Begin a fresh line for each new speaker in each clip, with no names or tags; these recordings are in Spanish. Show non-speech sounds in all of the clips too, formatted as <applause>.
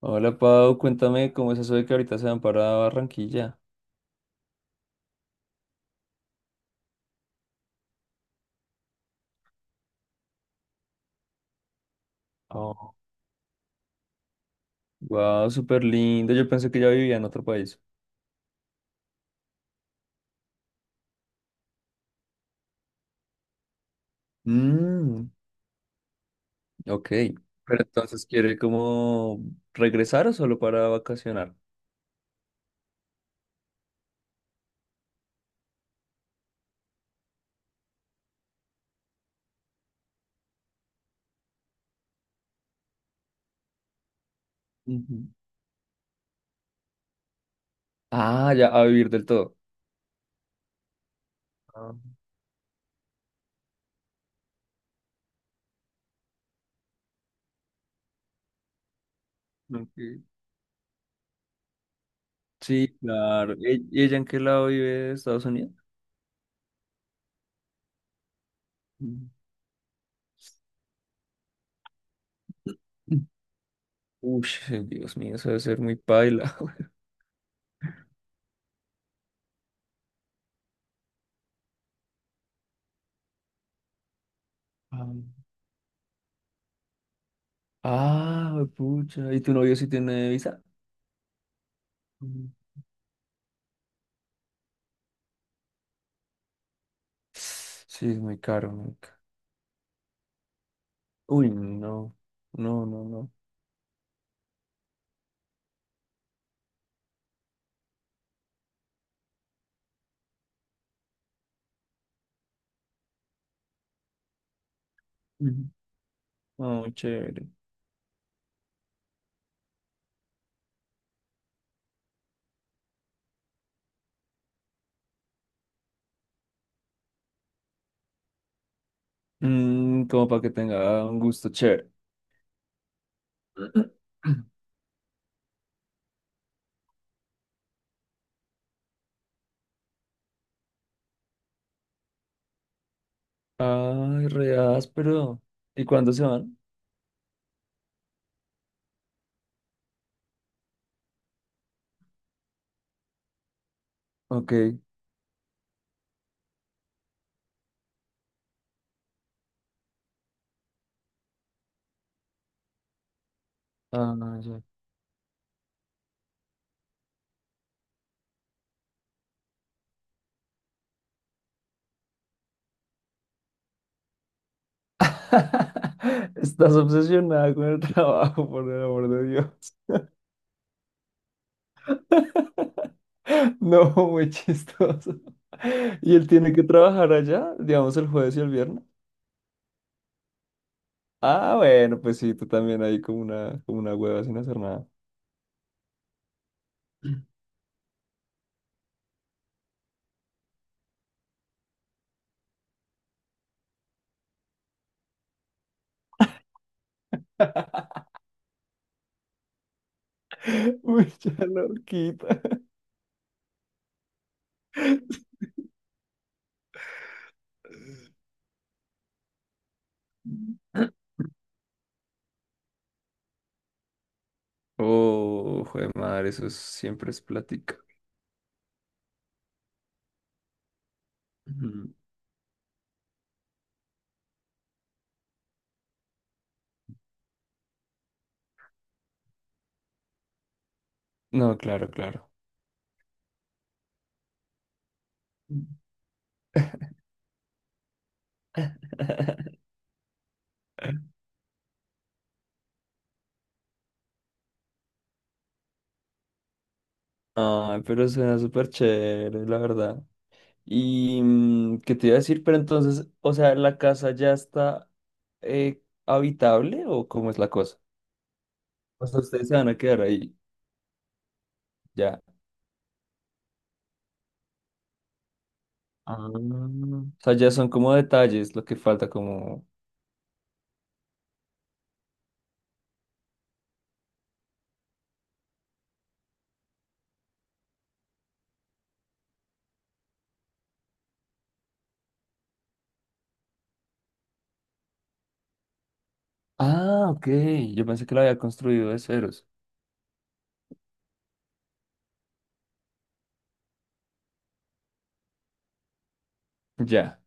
Hola Pau, cuéntame cómo es eso de que ahorita se van para Barranquilla. Oh. Wow, súper lindo. Yo pensé que ya vivía en otro país. Mm, ok. Pero entonces, ¿quiere como regresar o solo para vacacionar? Ujú. Ah, ya, a vivir del todo. Ah, ok. Sí, claro. ¿Y ella en qué lado vive de Estados Unidos? Mm. Uy, Dios mío, eso debe ser muy paila. <laughs> Ah, ah, pucha. ¿Y tu novio sí tiene visa? Sí, es muy caro, uy, no, no. Ujú. No, muy chévere. Mm, como para que tenga un gusto chévere. <clears throat> Ay, re áspero. ¿Y cuándo se van? Ok. Ah, no, ya. <laughs> Estás obsesionada con el <laughs> trabajo, por el amor de Dios. <laughs> No, muy chistoso. <laughs> ¿Y él tiene que trabajar allá, digamos, el jueves y el viernes? Ah, bueno, pues sí, tú también ahí como una hueva sin hacer nada. <laughs> Uy, ya la horquita. <clears throat> Oh, joder, madre, siempre es plática. Ujú. No, claro, claro. <laughs> Ay, pero suena súper chévere, la verdad. Y mm, qué te iba a decir, pero entonces, o sea, ¿la casa ya está eh, habitable o cómo es la cosa? O sea, ustedes se van a quedar ahí, ya. Ah, o sea, ya son como detalles lo que falta, como. Ah, ok. Yo pensé que lo había construido de ceros. Ya.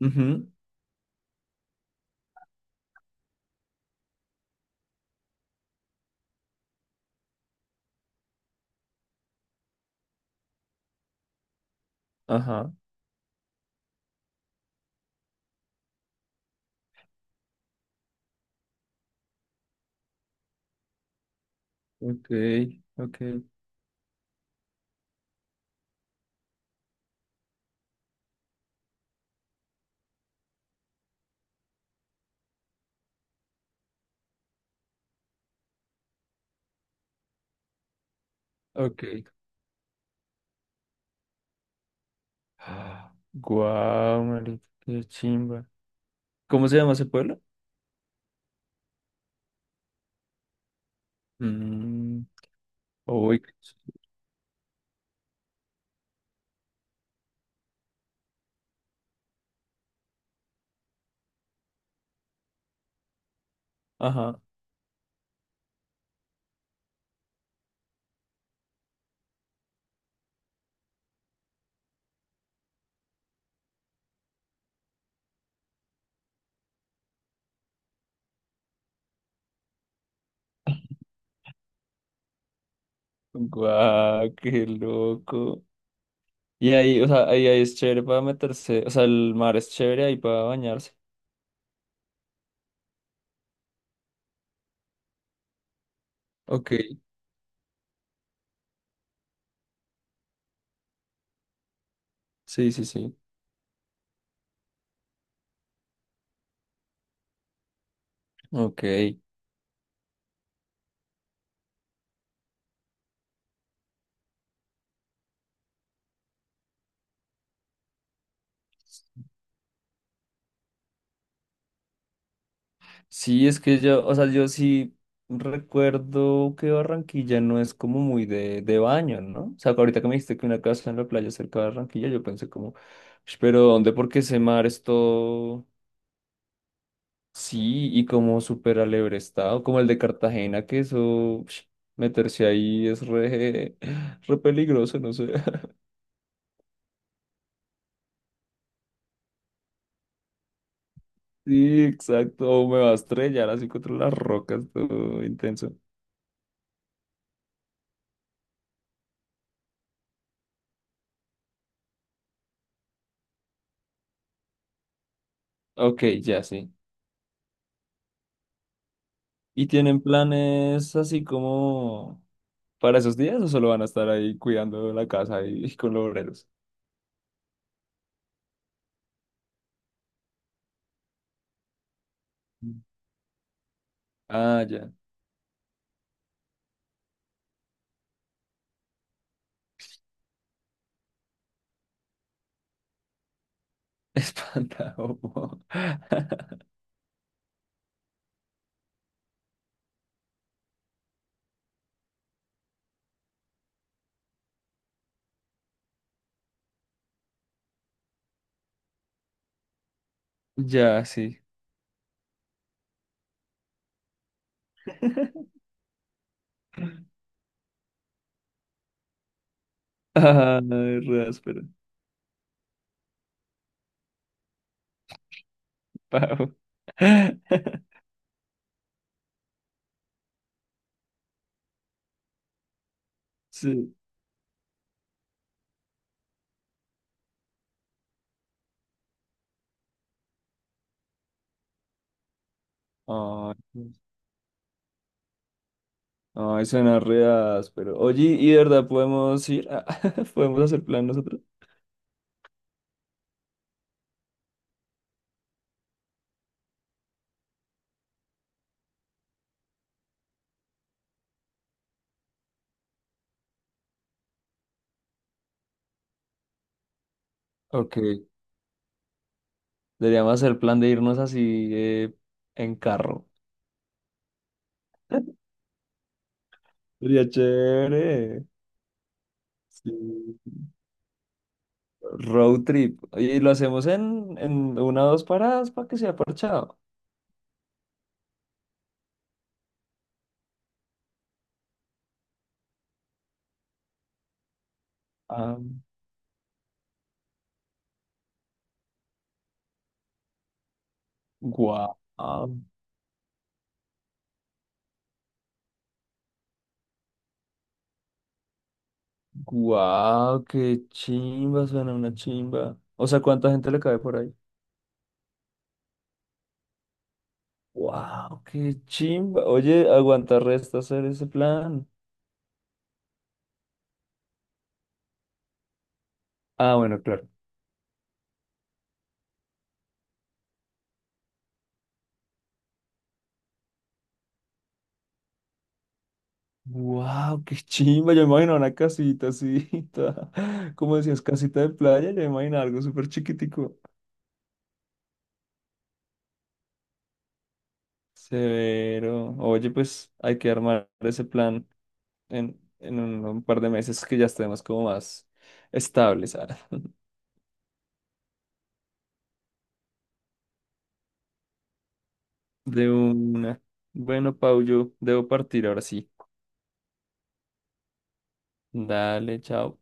Ujú, ajá. Ok, ok, ok. Ah, guau, marica, qué chimba. ¿Cómo se llama ese pueblo? Mm, uy, qué ch- ajá. Guau, qué loco. Y ahí, o sea, ahí es chévere para meterse. O sea, el mar es chévere ahí para bañarse. Ok, sí, sí, sí. Ok. Sí, es que yo, o sea, yo sí recuerdo que Barranquilla no es como muy de baño, ¿no? O sea, ahorita que me dijiste que una casa en la playa cerca de Barranquilla, yo pensé como, "Ush, pero ¿dónde? Porque ese mar es todo, sí, y como súper alebre estado, como el de Cartagena, que eso, ush, meterse ahí es re, <laughs> re peligroso, no sé. <laughs> Sí, exacto, o me va a estrellar así contra las rocas, todo intenso. Ok, ya sí. ¿Y tienen planes así como... para esos días o solo van a estar ahí cuidando la casa y con los obreros? Ah, ya. <laughs> Espantado. Po. <laughs> Ya, sí. <laughs> Ay, re áspero. Pavo. <laughs> Sí. Ay, pues, ay, suena re áspero. Oye, ¿y de verdad podemos ir? <laughs> ¿Podemos hacer plan nosotros? Ok. Deberíamos hacer plan de irnos así en carro. <laughs> Sería chévere. Sí. Road trip. Y lo hacemos en una o dos paradas para que sea parchado. Ah, guau, guau, qué chimba, suena una chimba. O sea, ¿cuánta gente le cabe por ahí? Wow, qué chimba. Oye, aguanta resta hacer ese plan. Ah, bueno, claro. Wow, qué chimba. Yo me imagino una casita así, <laughs> como decías, casita de playa. Yo me imagino algo súper chiquitico. Severo. Oye, pues hay que armar ese plan. En un par de meses que ya estemos como más estables. Ah. De una. Bueno, Pau, yo debo partir ahora sí. Dale, chao.